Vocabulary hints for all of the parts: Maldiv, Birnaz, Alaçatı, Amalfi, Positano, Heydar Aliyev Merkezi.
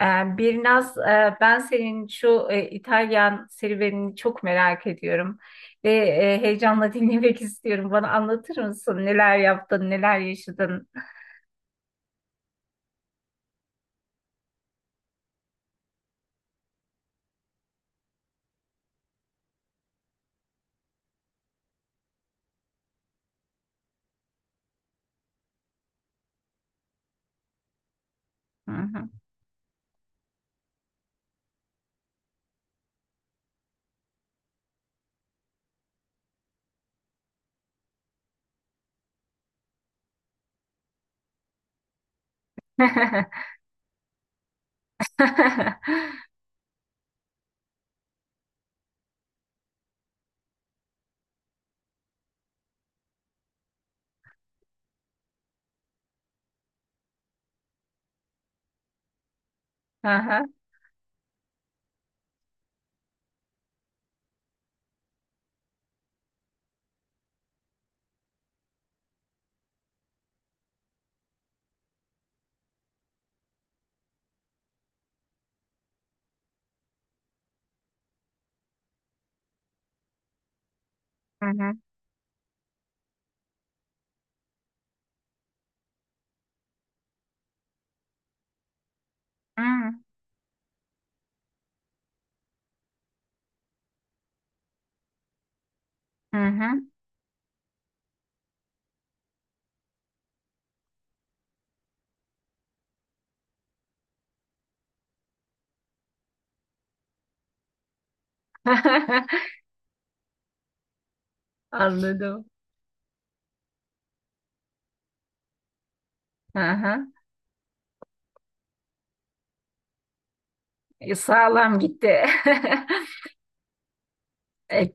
Birnaz, ben senin şu İtalyan serüvenini çok merak ediyorum ve heyecanla dinlemek istiyorum. Bana anlatır mısın? Neler yaptın, neler yaşadın? Hı hı. Hı hı. Hı hı. Hı hı. Anladım. Hı hı. Sağlam gitti. E,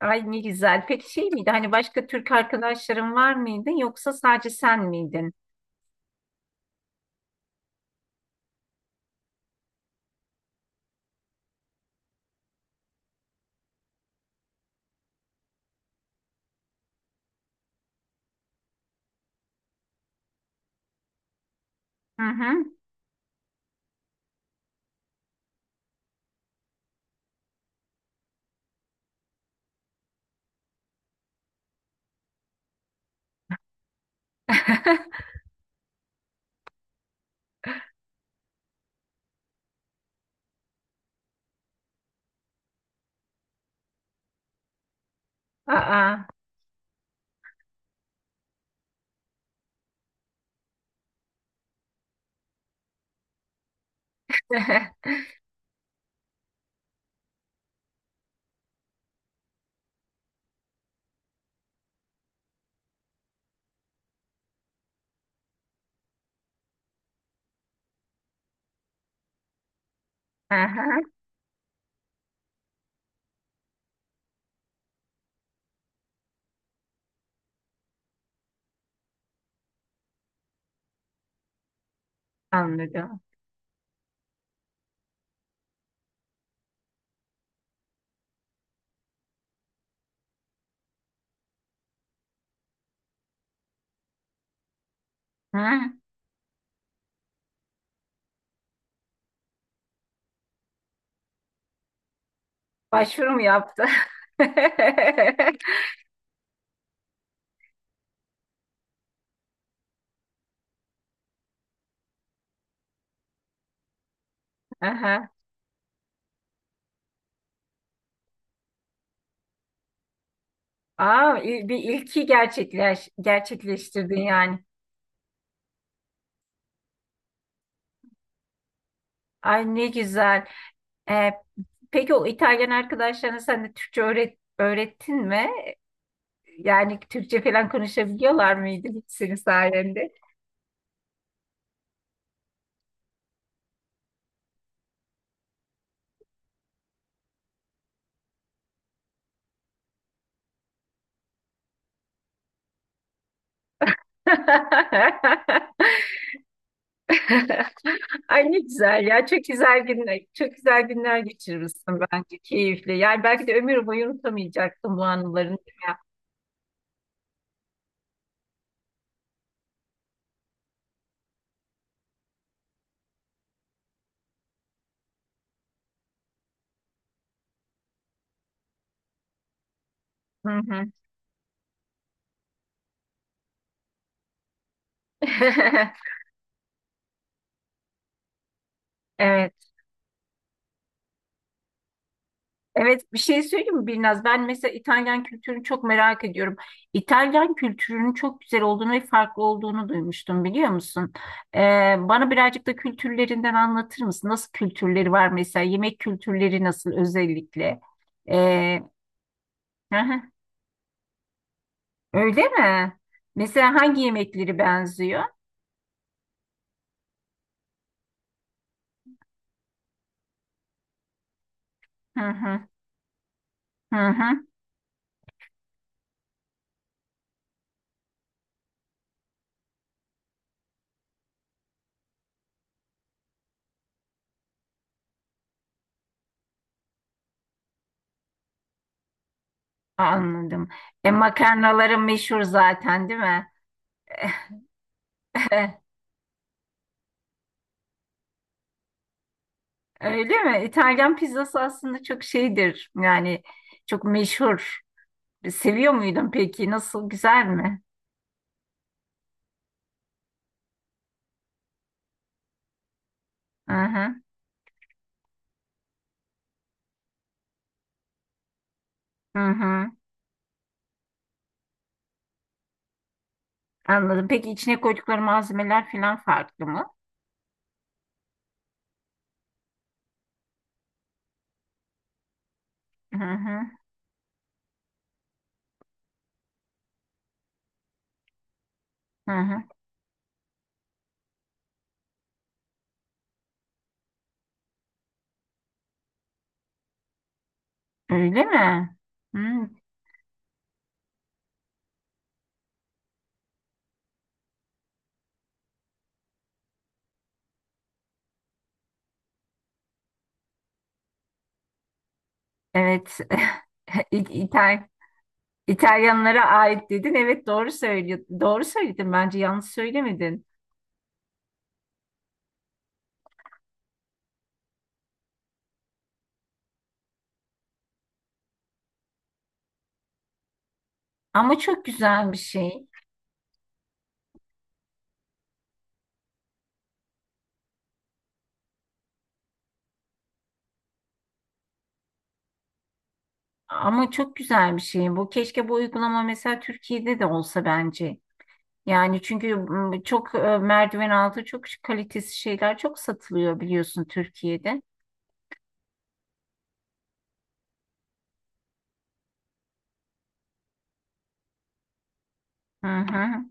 Ay ne güzel. Peki şey miydi? Hani başka Türk arkadaşların var mıydı yoksa sadece sen miydin? Hı hı. Aa. Aha, anladım. Hı. Başvuru mu yaptı? Aha. Aa, bir ilki gerçekleştirdin yani. Ay ne güzel. Ee, peki o İtalyan arkadaşlarına sen de Türkçe öğrettin mi? Yani Türkçe falan konuşabiliyorlar mıydı hiç senin sayende? Ay ne güzel ya. Çok güzel günler. Çok güzel günler geçirmişsin bence. Keyifli. Yani belki de ömür boyu unutamayacaksın bu anılarını, değil mi ya? Hı hı. Evet. Evet bir şey söyleyeyim mi Birnaz? Ben mesela İtalyan kültürünü çok merak ediyorum. İtalyan kültürünün çok güzel olduğunu ve farklı olduğunu duymuştum, biliyor musun? Ee, bana birazcık da kültürlerinden anlatır mısın? Nasıl kültürleri var mesela? Yemek kültürleri nasıl özellikle? Ee, hı hı. Öyle mi? Mesela hangi yemekleri benziyor? Hı hı, hı hı. Anladım. E, makarnaları meşhur zaten değil mi? Öyle mi? İtalyan pizzası aslında çok şeydir. Yani çok meşhur. Seviyor muydun peki? Nasıl? Güzel mi? Hı hı. Hı hı. Anladım. Peki içine koydukları malzemeler falan farklı mı? Hı hı. Hı hı. Öyle mi? Hı. Evet. İ- İtal İtalyanlara ait dedin. Evet doğru söylüyorsun. Doğru söyledin bence. Yanlış söylemedin. Ama çok güzel bir şey. Ama çok güzel bir şey. Bu keşke bu uygulama mesela Türkiye'de de olsa bence. Yani çünkü çok merdiven altı çok kalitesiz şeyler çok satılıyor, biliyorsun Türkiye'de. Hı hı.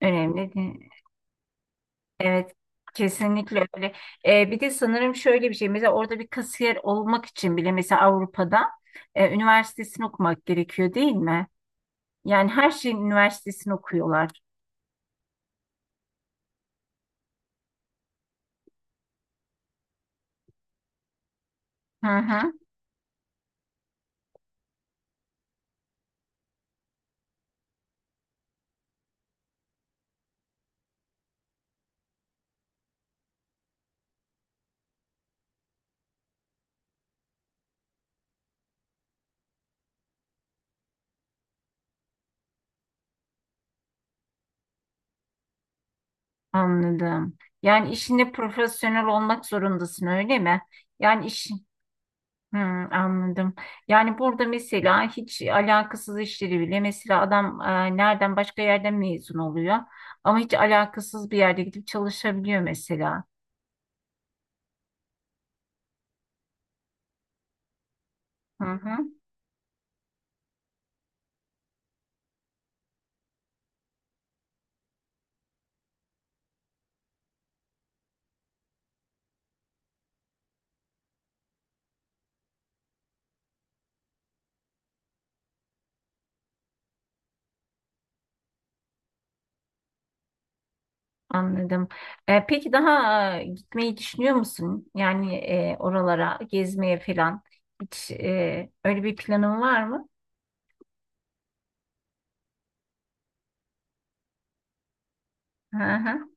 Önemli değil. Evet. Kesinlikle öyle. Bir de sanırım şöyle bir şey. Mesela orada bir kasiyer olmak için bile mesela Avrupa'da üniversitesini okumak gerekiyor değil mi? Yani her şeyin üniversitesini okuyorlar. Hı hı. Anladım. Yani işinde profesyonel olmak zorundasın öyle mi? Yani iş Hmm, anladım. Yani burada mesela hiç alakasız işleri bile mesela adam nereden başka yerden mezun oluyor ama hiç alakasız bir yerde gidip çalışabiliyor mesela. Hı hı, anladım. Peki daha gitmeyi düşünüyor musun? Yani oralara gezmeye falan hiç öyle bir planın var mı? Hı hı,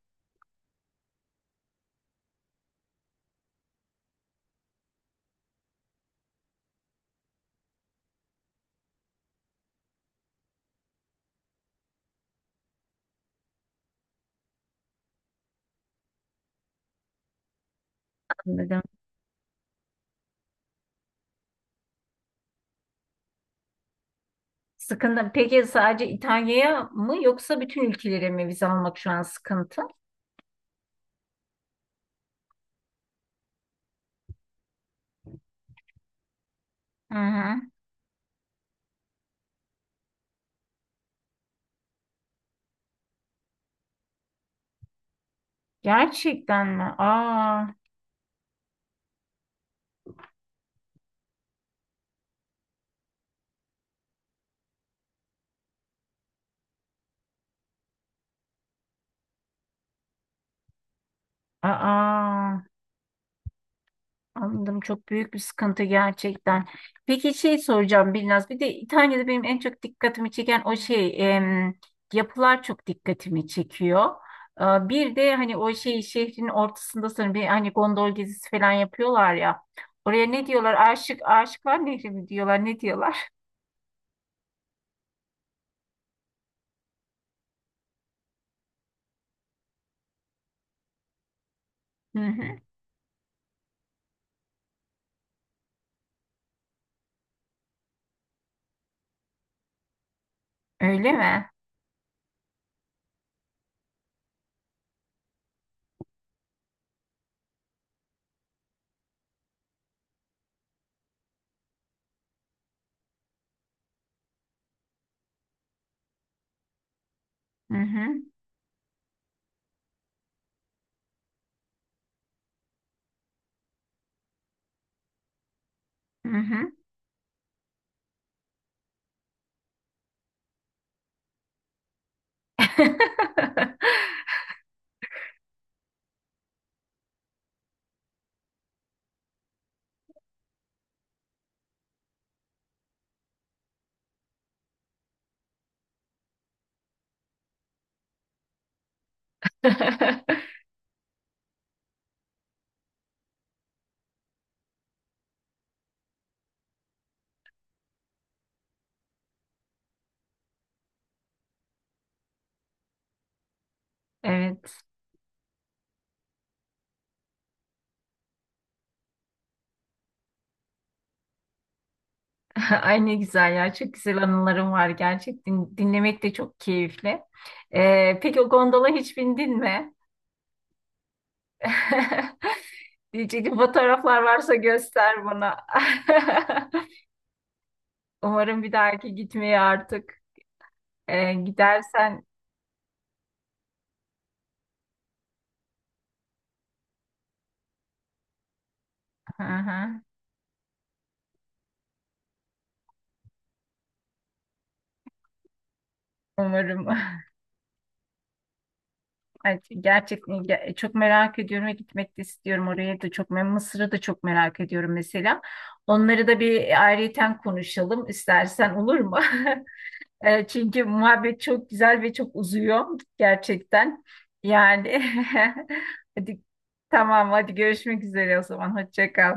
anladım. Sıkıntı. Peki sadece İtalya'ya mı yoksa bütün ülkelere mi vize almak şu an sıkıntı? Hı hı. Gerçekten mi? Aa, aa, anladım. Çok büyük bir sıkıntı gerçekten. Peki şey soracağım Bilnaz. Bir de İtalya'da benim en çok dikkatimi çeken o şey yapılar çok dikkatimi çekiyor. Aa, bir de hani o şey şehrin ortasında sanırım bir hani gondol gezisi falan yapıyorlar ya. Oraya ne diyorlar? Aşık Aşıklar Nehri mi diyorlar? Ne diyorlar? Hı hı. Öyle mi? Hı hı. Hı hı. Evet. Ay ne güzel ya. Çok güzel anılarım var gerçekten. Dinlemek de çok keyifli. Peki o gondola hiç bindin mi? Diyecektim, fotoğraflar varsa göster bana. Umarım bir dahaki gitmeye artık gidersen. Hı hı. Umarım. Ay, çok merak ediyorum ve gitmek de istiyorum oraya da çok. Ben Mısır'ı da çok merak ediyorum mesela. Onları da bir ayrıyeten konuşalım istersen, olur mu? E, çünkü muhabbet çok güzel ve çok uzuyor gerçekten. Yani hadi tamam, hadi görüşmek üzere o zaman. Hoşça kal.